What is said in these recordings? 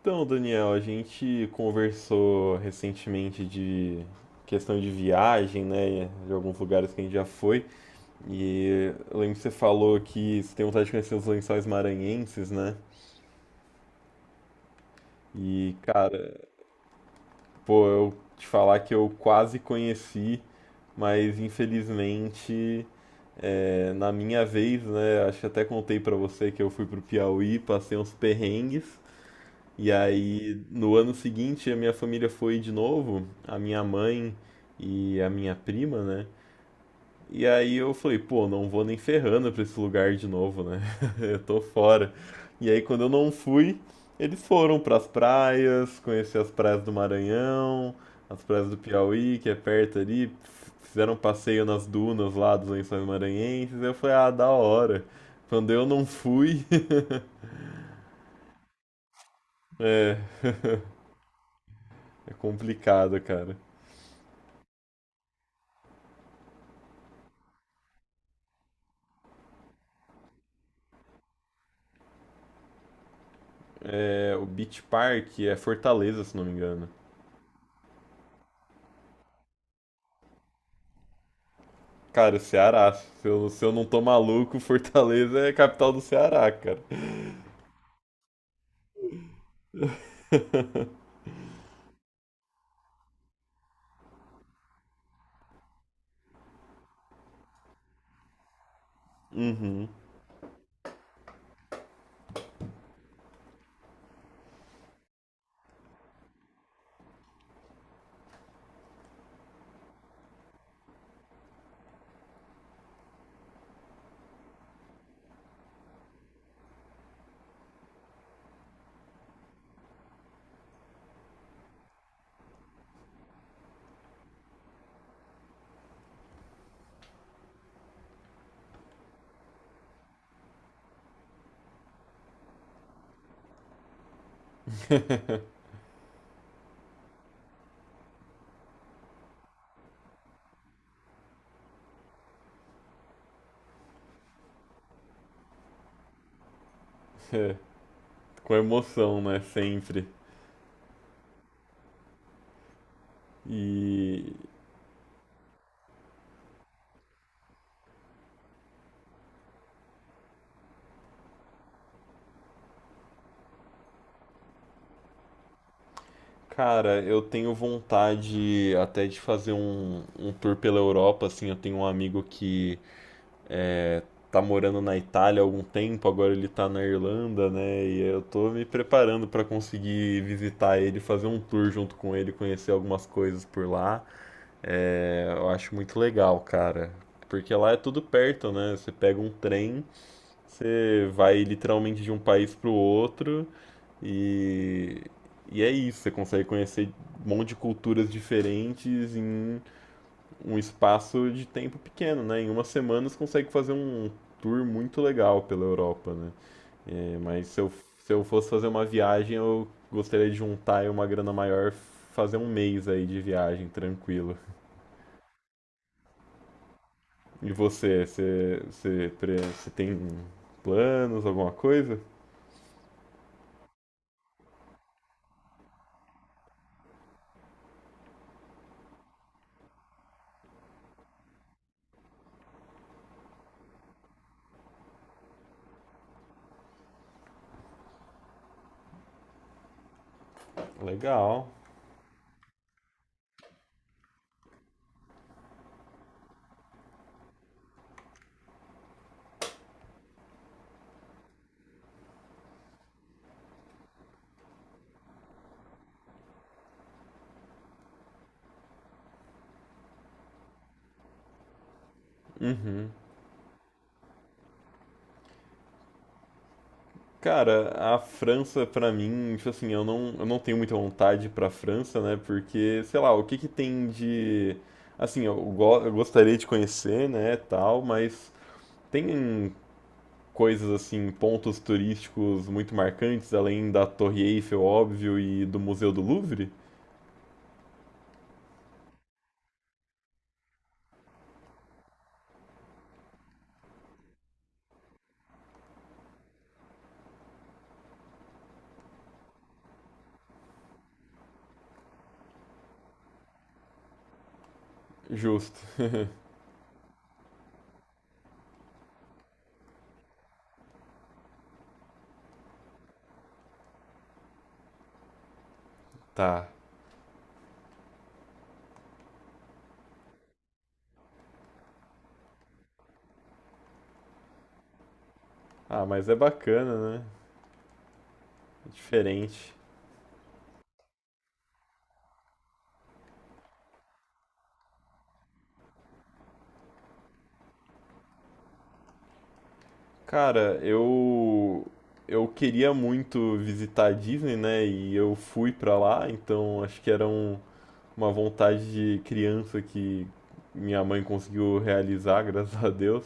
Então, Daniel, a gente conversou recentemente de questão de viagem, né? De alguns lugares que a gente já foi. E eu lembro que você falou que você tem vontade de conhecer os lençóis maranhenses, né? E, cara, pô, eu te falar que eu quase conheci, mas infelizmente, na minha vez, né? Acho que até contei pra você que eu fui pro Piauí, passei uns perrengues. E aí, no ano seguinte, a minha família foi de novo, a minha mãe e a minha prima, né? E aí eu falei, pô, não vou nem ferrando pra esse lugar de novo, né? Eu tô fora. E aí, quando eu não fui, eles foram pras praias, conhecer as praias do Maranhão, as praias do Piauí, que é perto ali, fizeram um passeio nas dunas lá dos Lençóis Maranhenses. Eu falei, ah, da hora. Quando eu não fui, é, é complicado, cara. É, o Beach Park é Fortaleza, se não me engano. Cara, Ceará. Se eu não tô maluco, Fortaleza é a capital do Ceará, cara. Uhum. É, com emoção, né? Sempre. E, cara, eu tenho vontade até de fazer um tour pela Europa, assim. Eu tenho um amigo que tá morando na Itália há algum tempo, agora ele tá na Irlanda, né? E eu tô me preparando pra conseguir visitar ele, fazer um tour junto com ele, conhecer algumas coisas por lá. É, eu acho muito legal, cara. Porque lá é tudo perto, né? Você pega um trem, você vai literalmente de um país pro outro e, e é isso. Você consegue conhecer um monte de culturas diferentes em um espaço de tempo pequeno, né? Em uma semana você consegue fazer um tour muito legal pela Europa, né? É, mas se eu, se eu fosse fazer uma viagem, eu gostaria de juntar aí uma grana maior, fazer um mês aí de viagem, tranquilo. E você tem planos, alguma coisa? Legal. Uhum. Cara, a França pra mim, tipo assim, eu não tenho muita vontade pra França, né? Porque, sei lá, o que que tem de assim, eu gostaria de conhecer, né, tal, mas tem coisas assim, pontos turísticos muito marcantes além da Torre Eiffel, óbvio, e do Museu do Louvre? Justo. Tá. Ah, mas é bacana, né? É diferente. Cara, eu queria muito visitar a Disney, né? E eu fui pra lá, então acho que era uma vontade de criança que minha mãe conseguiu realizar, graças a Deus.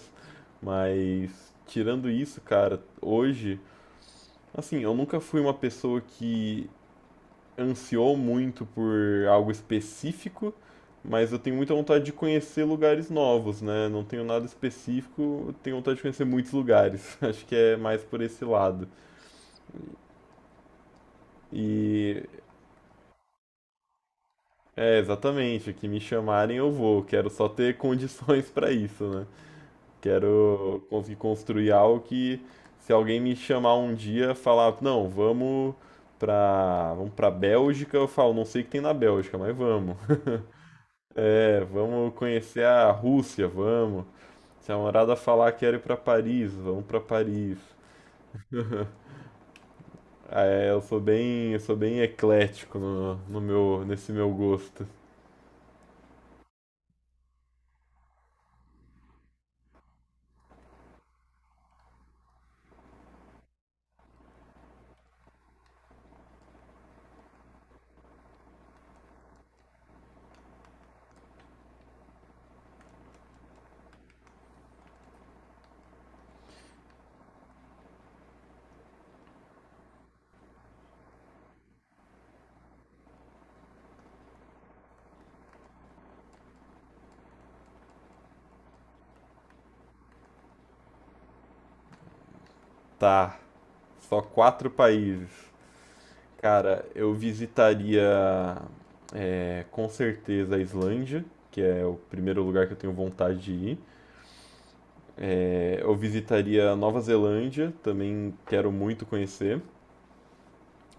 Mas tirando isso, cara, hoje, assim, eu nunca fui uma pessoa que ansiou muito por algo específico, mas eu tenho muita vontade de conhecer lugares novos, né? Não tenho nada específico, eu tenho vontade de conhecer muitos lugares. Acho que é mais por esse lado. E é exatamente, o que me chamarem eu vou. Quero só ter condições para isso, né? Quero conseguir construir algo que se alguém me chamar um dia, falar, não, vamos pra Bélgica, eu falo, não sei o que tem na Bélgica, mas vamos. É, vamos conhecer a Rússia, vamos. Se a namorada falar que quero ir pra Paris, vamos pra Paris. Ah, é, eu sou bem eclético no meu, nesse meu gosto. Tá, só quatro países. Cara, eu visitaria, é, com certeza a Islândia, que é o primeiro lugar que eu tenho vontade de ir. É, eu visitaria Nova Zelândia, também quero muito conhecer.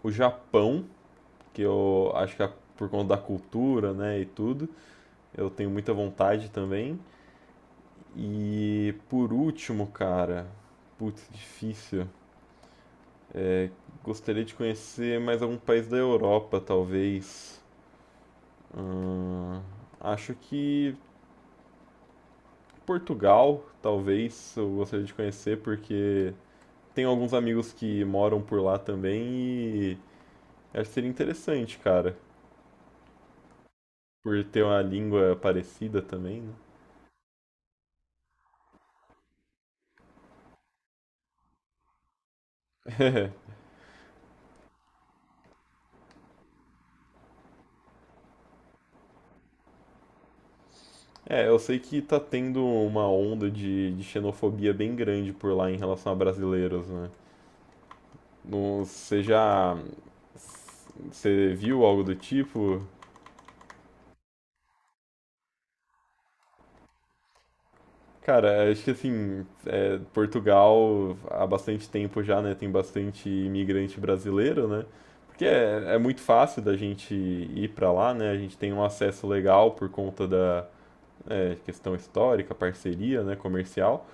O Japão, que eu acho que é por conta da cultura, né, e tudo, eu tenho muita vontade também. E por último, cara, putz, difícil. Gostaria de conhecer mais algum país da Europa, talvez. Acho que Portugal, talvez, eu gostaria de conhecer, porque tenho alguns amigos que moram por lá também e acho que seria interessante, cara, por ter uma língua parecida também, né? É, eu sei que tá tendo uma onda de xenofobia bem grande por lá em relação a brasileiros, né? Não. Você já. Você viu algo do tipo? Cara, acho que assim, é, Portugal há bastante tempo já, né? Tem bastante imigrante brasileiro, né? Porque é muito fácil da gente ir pra lá, né? A gente tem um acesso legal por conta da é, questão histórica, parceria, né, comercial.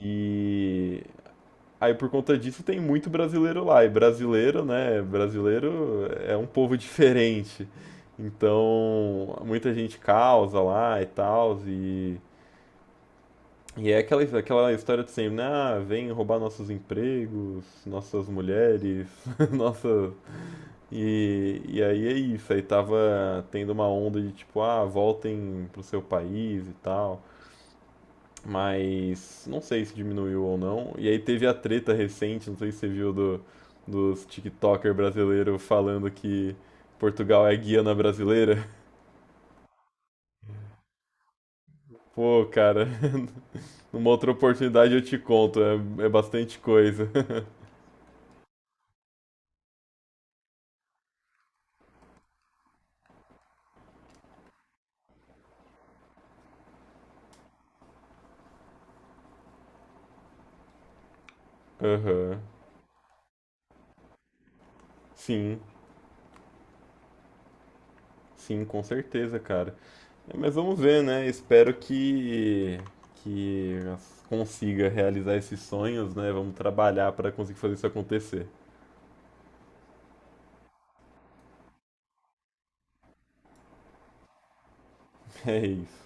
E aí por conta disso tem muito brasileiro lá. E brasileiro, né? Brasileiro é um povo diferente. Então, muita gente causa lá e tal. E é aquela, aquela história de sempre, né? Ah, vem roubar nossos empregos, nossas mulheres, nossa. E aí é isso. Aí tava tendo uma onda de tipo, ah, voltem pro seu país e tal. Mas não sei se diminuiu ou não. E aí teve a treta recente, não sei se você viu, dos TikToker brasileiro falando que Portugal é guiana brasileira. Pô, cara, numa outra oportunidade eu te conto, é, é bastante coisa. Aham. Sim, sim, com certeza, cara. É, mas vamos ver, né? Espero que, consiga realizar esses sonhos, né? Vamos trabalhar para conseguir fazer isso acontecer. É isso.